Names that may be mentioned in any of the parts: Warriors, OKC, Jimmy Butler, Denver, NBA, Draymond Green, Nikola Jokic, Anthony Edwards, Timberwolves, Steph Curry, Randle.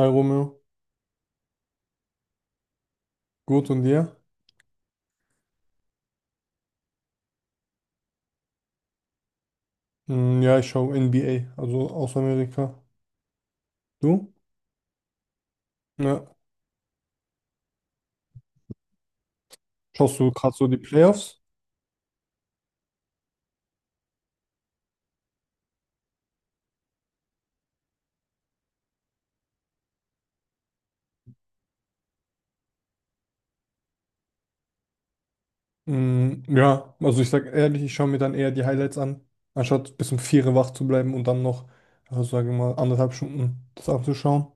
Hi Romeo, gut und dir? Hm, ja, ich schaue NBA, also aus Amerika. Du? Ja. Schaust du gerade so die Playoffs? Hm, ja, also ich sag ehrlich, ich schaue mir dann eher die Highlights an, anstatt bis um 4 Uhr wach zu bleiben und dann noch, also sage ich mal, anderthalb Stunden das anzuschauen.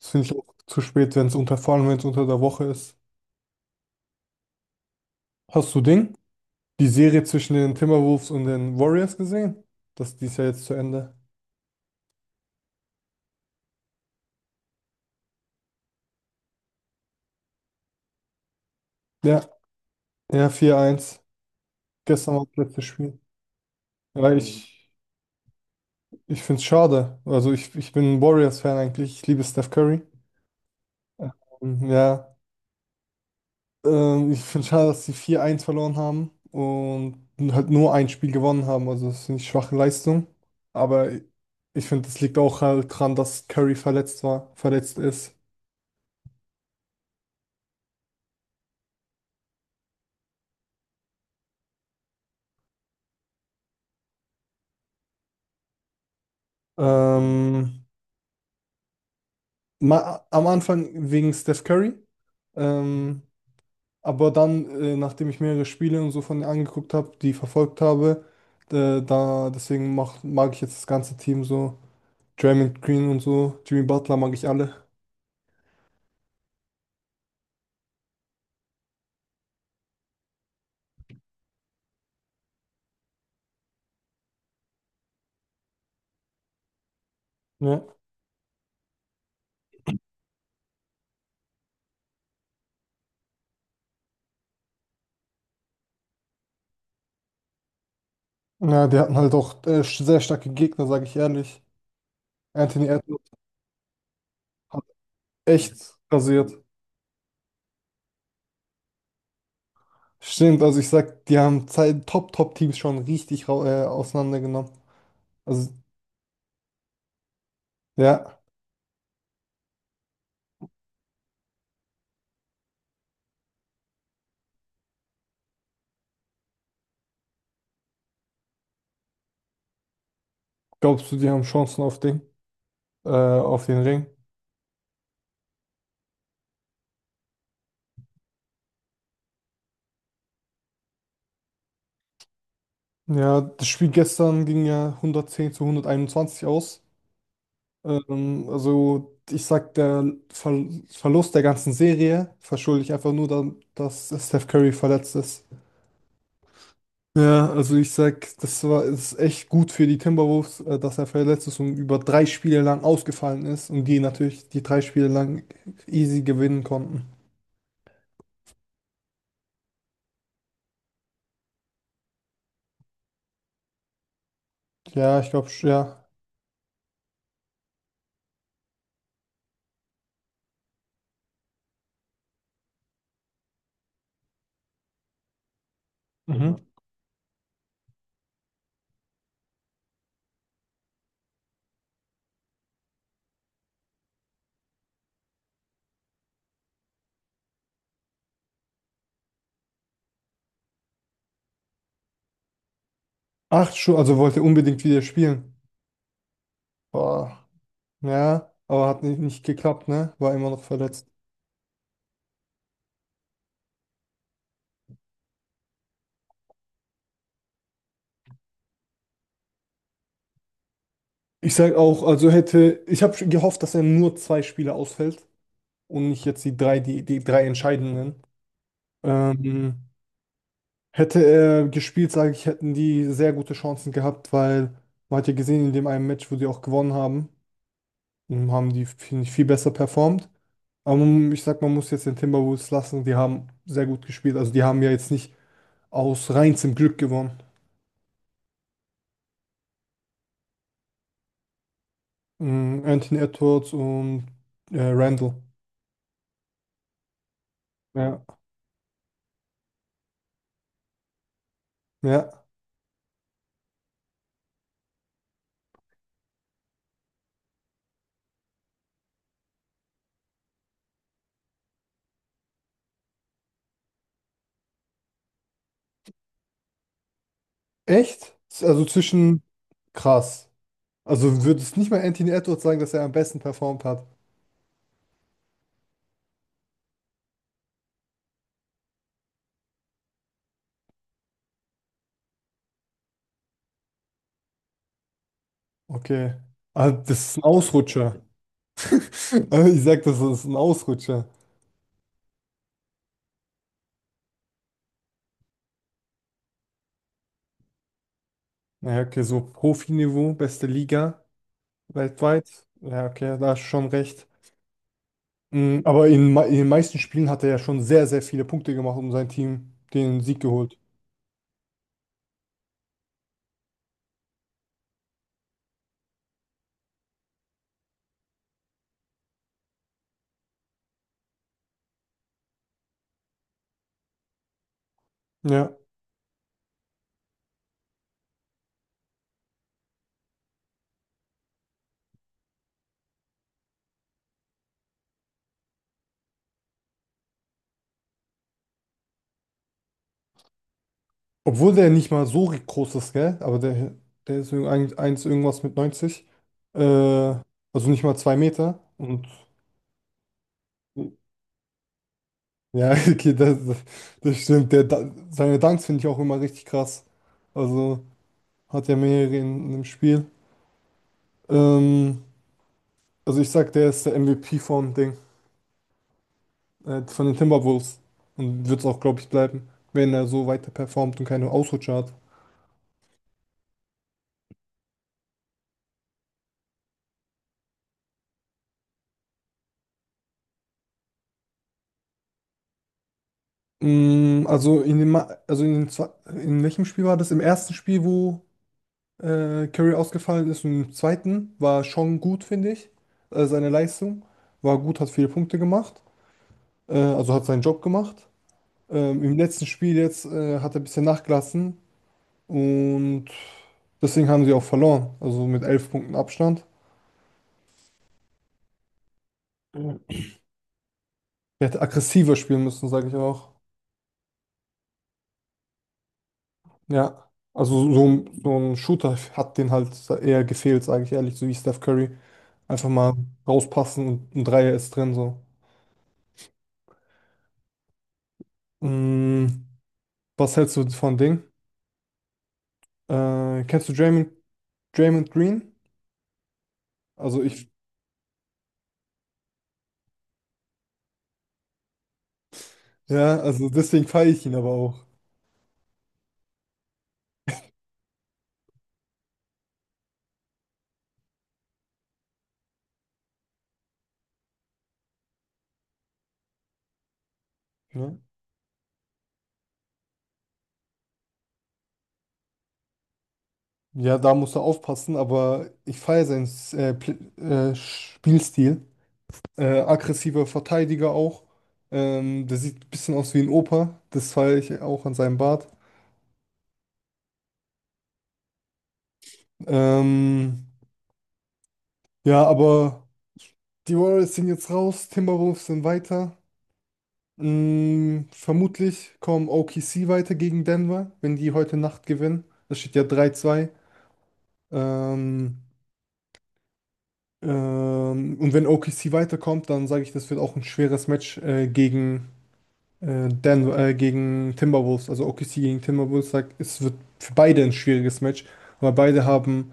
Das finde ich auch zu spät, wenn es unter, vor allem wenn es unter der Woche ist. Hast du Ding? Die Serie zwischen den Timberwolves und den Warriors gesehen? Das die ist ja jetzt zu Ende. Ja, ja, 4-1. Gestern war das letzte Spiel. Ja, ich. Ich finde es schade. Also ich bin ein Warriors-Fan eigentlich. Ich liebe Steph Curry. Ja, ich finde es schade, dass sie 4-1 verloren haben und halt nur ein Spiel gewonnen haben. Also das ist eine schwache Leistung. Aber ich finde, das liegt auch halt dran, dass Curry verletzt war, verletzt ist. Ähm, ma am Anfang wegen Steph Curry. Ähm, Aber dann, nachdem ich mehrere Spiele und so von ihr angeguckt habe, die verfolgt habe, da deswegen mag ich jetzt das ganze Team so. Draymond Green und so, Jimmy Butler mag ich alle. Ja, ja die hatten halt auch sehr starke Gegner, sage ich ehrlich. Anthony Edwards hat echt rasiert. Stimmt, also ich sag, die haben zwei Top-Top-Teams schon richtig auseinandergenommen. Also, ja, glaubst du, die haben Chancen auf den Ring? Ja, das Spiel gestern ging ja 110-121 aus. Also ich sag, der Ver Verlust der ganzen Serie verschulde ich einfach nur dann, dass Steph Curry verletzt ist. Ja, also ich sag, das war ist echt gut für die Timberwolves, dass er verletzt ist und über drei Spiele lang ausgefallen ist und die natürlich die drei Spiele lang easy gewinnen konnten. Ja, ich glaube, ja. Mhm. Acht schon, also wollte unbedingt wieder spielen. Boah. Ja, aber hat nicht geklappt, ne? War immer noch verletzt. Ich sage auch, ich habe gehofft, dass er nur zwei Spiele ausfällt und nicht jetzt die drei, die, die drei entscheidenden. Ähm, hätte er gespielt, sage ich, hätten die sehr gute Chancen gehabt, weil man hat ja gesehen, in dem einen Match, wo sie auch gewonnen haben, haben die, finde ich, viel besser performt. Aber ich sag, man muss jetzt den Timberwolves lassen, die haben sehr gut gespielt. Also die haben ja jetzt nicht aus reinstem Glück gewonnen. Anthony Edwards und Randle. Ja. Ja. Echt? Also zwischen krass. Also würdest nicht mal Anthony Edwards sagen, dass er am besten performt hat. Okay. Ah, das ist ein Ausrutscher. Ich sag, das ist ein Ausrutscher. Naja, okay, so Profiniveau, beste Liga weltweit. Ja, okay, da hast du schon recht. Aber in den meisten Spielen hat er ja schon sehr, sehr viele Punkte gemacht und sein Team den Sieg geholt. Ja. Obwohl der nicht mal so groß ist, gell? Aber der ist eins irgendwas mit 90. Äh, also nicht mal 2 Meter. Und ja, okay, das stimmt. Seine Dunks finde ich auch immer richtig krass. Also hat ja mehrere im Spiel. Ähm, also ich sag, der ist der MVP von den Timberwolves. Und wird es auch, glaube ich, bleiben, wenn er so weiter performt und keine Ausrutscher hat. Also in dem, Ma- also in, den zwei- in welchem Spiel war das? Im ersten Spiel, wo Curry ausgefallen ist. Und im zweiten war schon gut, finde ich. Seine Leistung war gut, hat viele Punkte gemacht. Also hat seinen Job gemacht. Im letzten Spiel jetzt hat er ein bisschen nachgelassen und deswegen haben sie auch verloren. Also mit 11 Punkten Abstand. Er hätte aggressiver spielen müssen, sage ich auch. Ja. Also so ein Shooter hat den halt eher gefehlt, sage ich ehrlich, so wie Steph Curry. Einfach mal rauspassen und ein Dreier ist drin, so. Mm, was hältst du von Ding? Kennst du Draymond, Green? Also ja, also deswegen feiere ich ihn aber auch. Ne? Ja, da musst du aufpassen, aber ich feiere seinen Spielstil. Aggressiver Verteidiger auch. Der sieht ein bisschen aus wie ein Opa. Das feiere ich auch an seinem Bart. Ähm, ja, aber die Warriors sind jetzt raus, Timberwolves sind weiter. Vermutlich kommen OKC weiter gegen Denver, wenn die heute Nacht gewinnen. Das steht ja 3-2. Ähm, und wenn OKC weiterkommt, dann sage ich, das wird auch ein schweres Match gegen Timberwolves. Also OKC gegen Timberwolves sagt, es wird für beide ein schwieriges Match, weil beide haben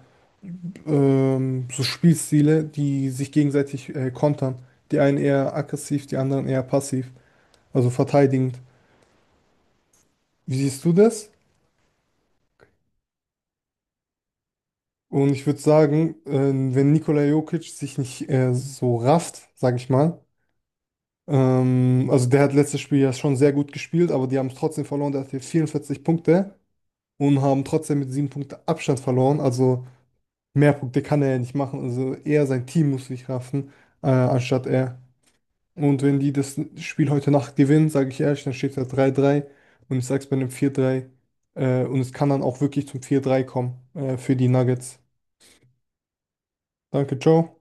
so Spielstile, die sich gegenseitig kontern. Die einen eher aggressiv, die anderen eher passiv, also verteidigend. Wie siehst du das? Und ich würde sagen, wenn Nikola Jokic sich nicht so rafft, sage ich mal. Also der hat letztes Spiel ja schon sehr gut gespielt, aber die haben es trotzdem verloren. Der hatte 44 Punkte und haben trotzdem mit 7 Punkten Abstand verloren. Also mehr Punkte kann er ja nicht machen. Also eher sein Team muss sich raffen, anstatt er. Und wenn die das Spiel heute Nacht gewinnen, sage ich ehrlich, dann steht da 3-3 und ich sag's bei einem 4-3. Und es kann dann auch wirklich zum 4-3 kommen, für die Nuggets. Danke, ciao.